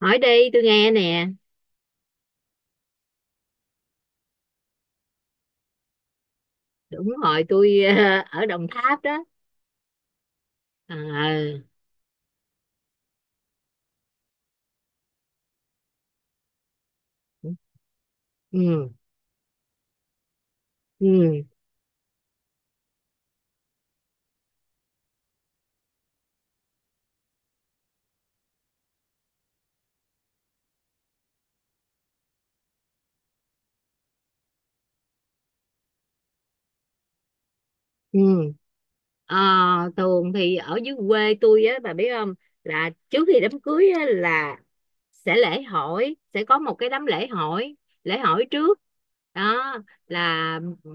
Hỏi đi, tôi nghe nè. Đúng rồi, tôi ở Đồng Tháp đó. À. Ừ. Ừ. Ừ. Ờ, Thường thì ở dưới quê tôi á, bà biết không, là trước khi đám cưới á, là sẽ lễ hỏi, sẽ có một cái đám lễ hỏi, lễ hỏi trước đó là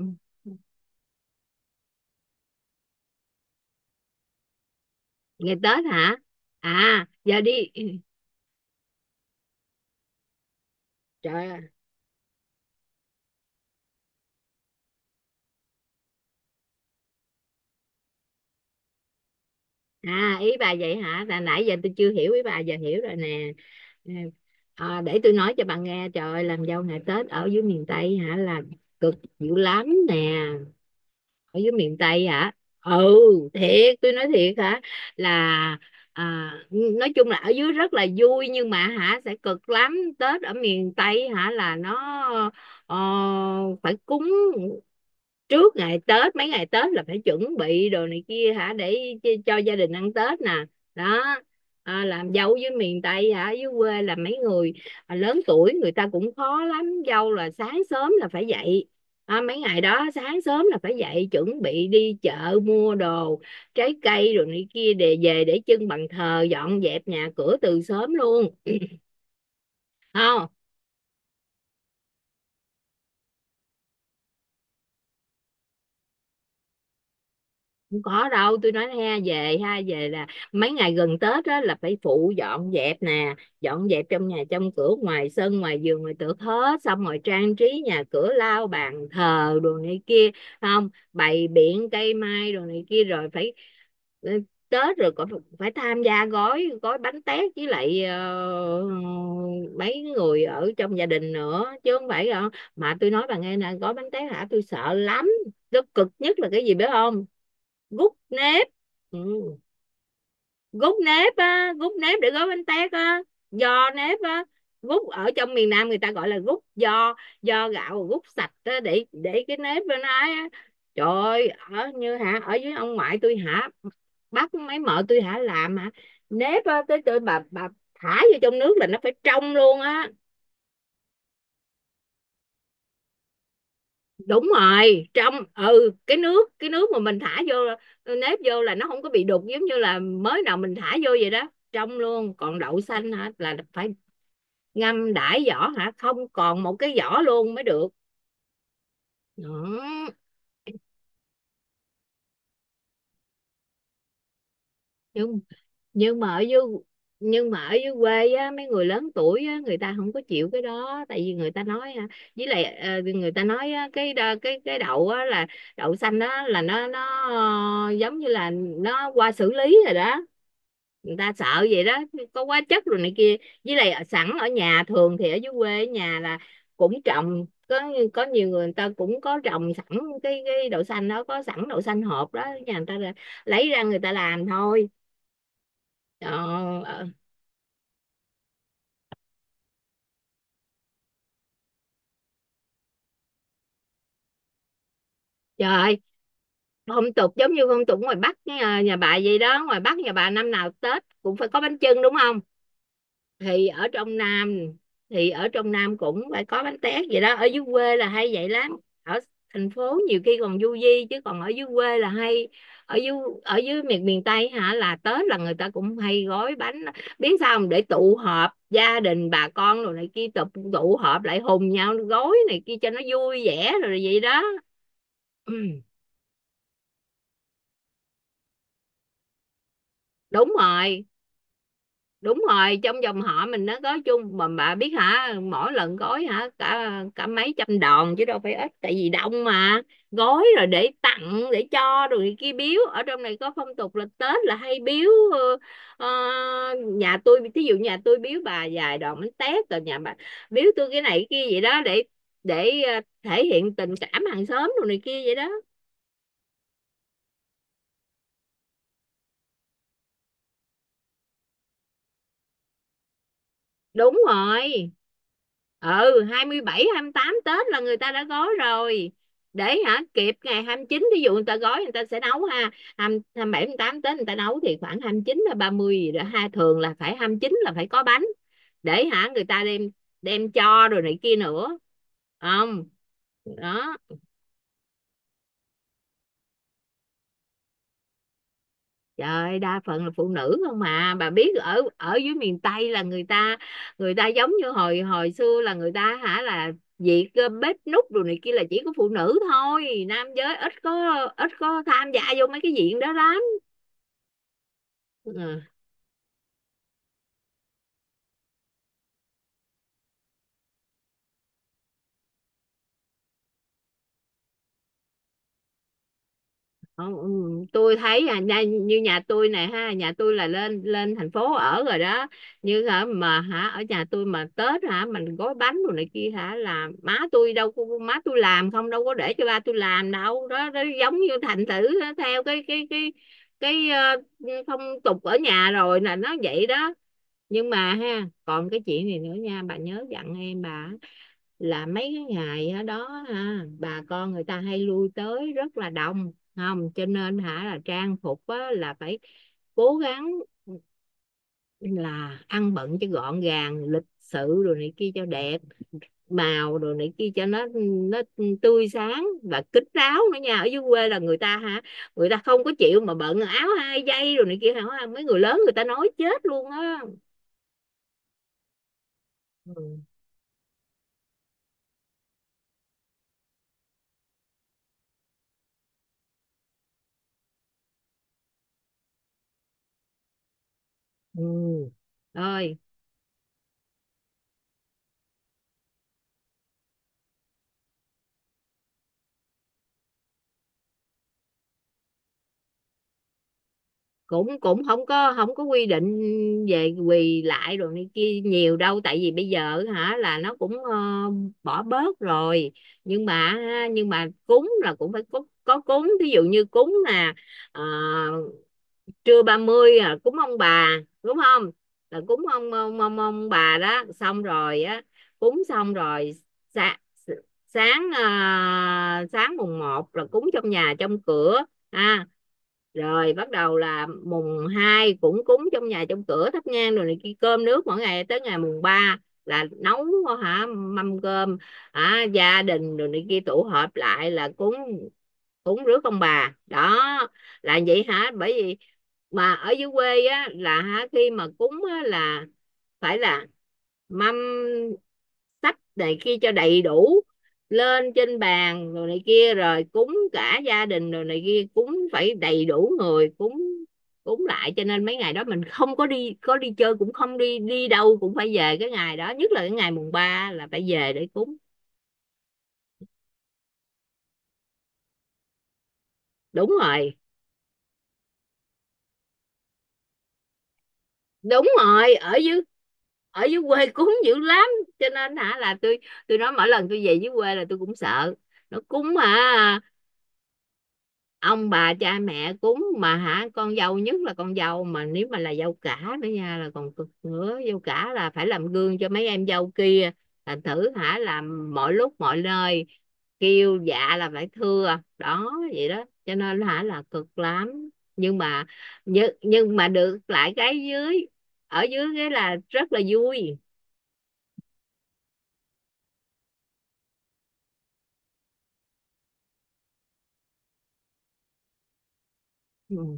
ngày Tết hả? À giờ đi. Trời. À, ý bà vậy hả? Là nãy giờ tôi chưa hiểu ý bà, giờ hiểu rồi nè. Ừ. À, để tôi nói cho bà nghe, trời ơi, làm dâu ngày Tết ở dưới miền Tây hả, là cực dữ lắm nè. Ở dưới miền Tây hả? Ừ. Thiệt, tôi nói thiệt hả, là nói chung là ở dưới rất là vui nhưng mà hả sẽ cực lắm. Tết ở miền Tây hả là nó ờ, phải cúng. Trước ngày Tết, mấy ngày Tết là phải chuẩn bị đồ này kia hả để cho gia đình ăn Tết nè đó. À, làm dâu với miền Tây hả, dưới quê là mấy người lớn tuổi người ta cũng khó lắm. Dâu là sáng sớm là phải dậy. Mấy ngày đó sáng sớm là phải dậy chuẩn bị đi chợ mua đồ, trái cây rồi này kia để về để trưng bàn thờ, dọn dẹp nhà cửa từ sớm luôn. Không, không có đâu, tôi nói ha, về ha, về là mấy ngày gần Tết đó là phải phụ dọn dẹp nè, dọn dẹp trong nhà trong cửa, ngoài sân ngoài vườn ngoài tược hết, xong rồi trang trí nhà cửa, lau bàn thờ đồ này kia, không bày biện cây mai đồ này kia, rồi phải ừ, Tết rồi còn phải tham gia gói gói bánh tét với lại mấy người ở trong gia đình nữa chứ không phải không? Mà tôi nói bà nghe nè, gói bánh tét hả tôi sợ lắm. Nó cực nhất là cái gì biết không? Gút nếp. Ừ. Gút nếp á, gút nếp để gói bánh tét á, giò nếp á. Gút ở trong miền Nam người ta gọi là gút giò, giò gạo, gút sạch á để cái nếp bên ấy á. Trời ơi, ở như hả, ở dưới ông ngoại tôi hả, bắt mấy mợ tôi hả làm hả. Nếp á, tới tới bà thả vô trong nước là nó phải trong luôn á. Đúng rồi, trong. Ừ, cái nước, cái nước mà mình thả vô nếp vô là nó không có bị đục, giống như là mới nào mình thả vô vậy đó, trong luôn. Còn đậu xanh hả là phải ngâm đãi vỏ hả, không còn một cái vỏ luôn mới được. Đó. nhưng nhưng mà ở dưới, nhưng mà ở dưới quê á, mấy người lớn tuổi á người ta không có chịu cái đó, tại vì người ta nói á, với lại người ta nói á, cái đậu á là đậu xanh đó là nó giống như là nó qua xử lý rồi đó, người ta sợ vậy đó, có hóa chất rồi này kia, với lại sẵn ở nhà, thường thì ở dưới quê ở nhà là cũng trồng có nhiều người, người ta cũng có trồng sẵn cái đậu xanh đó, có sẵn đậu xanh hộp đó, nhà người ta lấy ra người ta làm thôi. Ờ. Ờ. Trời ơi, phong tục giống như phong tục ngoài Bắc, nhà, nhà bà vậy đó, ngoài Bắc nhà bà năm nào Tết cũng phải có bánh chưng đúng không? Thì ở trong Nam, thì ở trong Nam cũng phải có bánh tét vậy đó. Ở dưới quê là hay vậy lắm. Ở thành phố nhiều khi còn du di, chứ còn ở dưới quê là hay. Ở dưới, ở dưới miền miền Tây hả là Tết là người ta cũng hay gói bánh. Biết sao không, để tụ họp gia đình bà con rồi này kia, tụ tụ họp lại hùng nhau gói này kia cho nó vui vẻ rồi vậy đó. Ừ. Đúng rồi. Đúng rồi, trong dòng họ mình nó gói chung. Mà bà biết hả, mỗi lần gói hả cả cả mấy trăm đòn chứ đâu phải ít, tại vì đông mà. Gói rồi để tặng để cho, rồi người kia biếu. Ở trong này có phong tục là Tết là hay biếu ờ, nhà tôi, thí dụ nhà tôi biếu bà vài đòn bánh tét, rồi nhà bà biếu tôi cái này cái kia vậy đó, để thể hiện tình cảm hàng xóm rồi này kia vậy đó. Đúng rồi. Ừ. hai hai mươi bảy, hai mươi tám Tết là người ta đã gói rồi, để hả kịp ngày hai mươi chín. Ví dụ người ta gói người ta sẽ nấu ha. 2, mươi tám Tết người ta nấu thì khoảng 29 là 30 gì đó ha, thường là phải 29 là phải có bánh, để hả người ta đem, đem cho rồi này kia nữa. Không. Đó. Trời ơi, đa phần là phụ nữ không. Mà bà biết ở, ở dưới miền Tây là người ta, người ta giống như hồi hồi xưa là người ta hả là việc bếp núc đồ này kia là chỉ có phụ nữ thôi, nam giới ít có, ít có tham gia vô mấy cái diện đó lắm. Ừ. Ờ. Ừ. Tôi thấy như nhà tôi này ha, nhà tôi là lên lên thành phố ở rồi đó. Như hả mà hả ở nhà tôi mà Tết hả mình gói bánh đồ này kia hả là má tôi đâu có, má tôi làm không, đâu có để cho ba tôi làm đâu đó, đó giống như thành thử nó theo cái phong tục ở nhà rồi là nó vậy đó. Nhưng mà ha, còn cái chuyện này nữa nha bà, nhớ dặn em bà là mấy cái ngày ở đó ha bà con người ta hay lui tới rất là đông, không cho nên hả là trang phục á, là phải cố gắng là ăn bận cho gọn gàng lịch sự rồi này kia cho đẹp màu rồi này kia cho nó tươi sáng và kín đáo nữa nha. Ở dưới quê là người ta hả, người ta không có chịu mà bận áo hai dây rồi này kia hả, mấy người lớn người ta nói chết luôn á. Ừ. Ừ rồi. Cũng cũng không có, không có quy định về quỳ lại rồi này kia nhiều đâu, tại vì bây giờ hả là nó cũng bỏ bớt rồi. Nhưng mà ha, nhưng mà cúng là cũng phải có cúng. Ví dụ như cúng là ờ, trưa ba mươi, à, cúng ông bà đúng không? Là cúng ông ông bà đó, xong rồi á, cúng xong rồi. sa, Sáng, à, sáng mùng một là cúng trong nhà trong cửa ha. Rồi bắt đầu là mùng 2 cũng cúng trong nhà trong cửa, thắp nhang rồi này kia, cơm nước mỗi ngày tới ngày mùng 3 là nấu hả mâm cơm hả gia đình rồi này kia tụ họp lại là cúng, cúng rước ông bà đó. Là vậy hả, bởi vì mà ở dưới quê á là hả khi mà cúng á, là phải là mâm sách này kia cho đầy đủ lên trên bàn rồi này kia, rồi cúng cả gia đình rồi này kia, cúng phải đầy đủ người cúng, cúng lại. Cho nên mấy ngày đó mình không có đi, có đi chơi cũng không, đi đi đâu cũng phải về cái ngày đó, nhất là cái ngày mùng ba là phải về để cúng. Đúng rồi. Đúng rồi, ở dưới, ở dưới quê cúng dữ lắm, cho nên hả là tôi nói mỗi lần tôi về dưới quê là tôi cũng sợ. Nó cúng mà, ông bà cha mẹ cúng mà hả, con dâu nhất là con dâu, mà nếu mà là dâu cả nữa nha là còn cực nữa. Dâu cả là phải làm gương cho mấy em dâu kia, là thử hả làm mọi lúc mọi nơi, kêu dạ là phải thưa đó vậy đó, cho nên hả là cực lắm. Nhưng mà, nhưng mà được lại cái dưới, ở dưới cái là rất là vui. Ừ.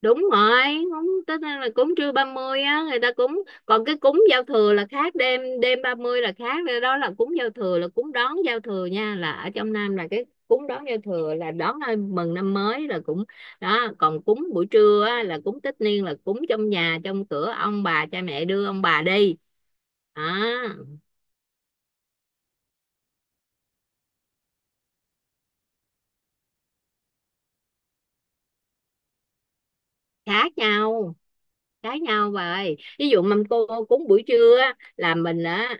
Đúng rồi. Cúng tức là cúng trưa 30 á người ta cúng, còn cái cúng giao thừa là khác. Đêm đêm 30 là khác đó, là cúng giao thừa, là cúng đón giao thừa nha. Là ở trong Nam là cái cúng đón giao thừa là đón ai mừng năm mới là cũng đó. Còn cúng buổi trưa á, là cúng tất niên, là cúng trong nhà trong cửa ông bà cha mẹ đưa ông bà đi à. Khác nhau, khác nhau bà ơi. Ví dụ mâm cô cúng buổi trưa á, là mình á,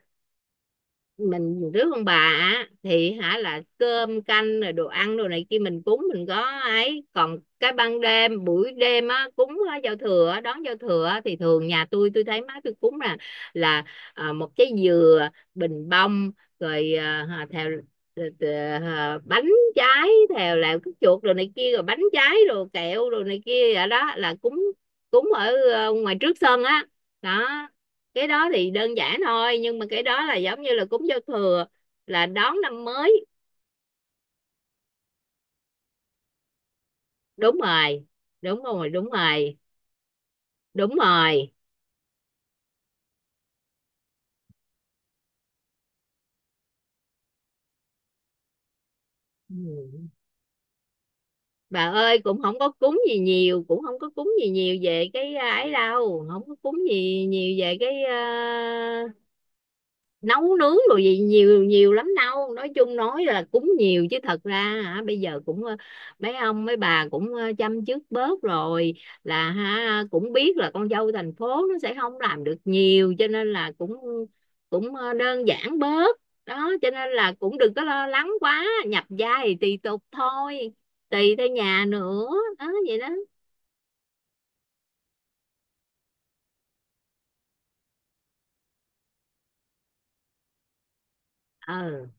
mình rước ông bà á, thì hả là cơm canh rồi đồ ăn đồ này kia mình cúng, mình có. Ấy còn cái ban đêm, buổi đêm á cúng á, giao thừa á, đón giao thừa á, thì thường nhà tôi thấy má tôi cúng là à, một trái dừa, bình bông, rồi à, theo, à, bánh trái, theo là cái chuột rồi này kia, rồi bánh trái rồi kẹo rồi này kia vậy đó, là cúng, cúng ở ngoài trước sân á đó. Cái đó thì đơn giản thôi, nhưng mà cái đó là giống như là cúng giao thừa là đón năm mới. Đúng rồi, đúng rồi, đúng rồi, đúng rồi. Ừ. Bà ơi cũng không có cúng gì nhiều, cũng không có cúng gì nhiều về cái à, ấy đâu, không có cúng gì nhiều về cái à, nấu nướng rồi gì nhiều, nhiều lắm đâu. Nói chung nói là cúng nhiều chứ thật ra hả bây giờ cũng mấy ông mấy bà cũng chăm chút bớt rồi, là ha cũng biết là con dâu thành phố nó sẽ không làm được nhiều, cho nên là cũng cũng đơn giản bớt đó. Cho nên là cũng đừng có lo lắng quá, nhập gia thì tùy tục thôi, tùy theo nhà nữa. Đó vậy đó. Ừ.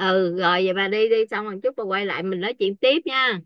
Ừ rồi, vậy bà đi đi xong rồi chút bà quay lại mình nói chuyện tiếp nha.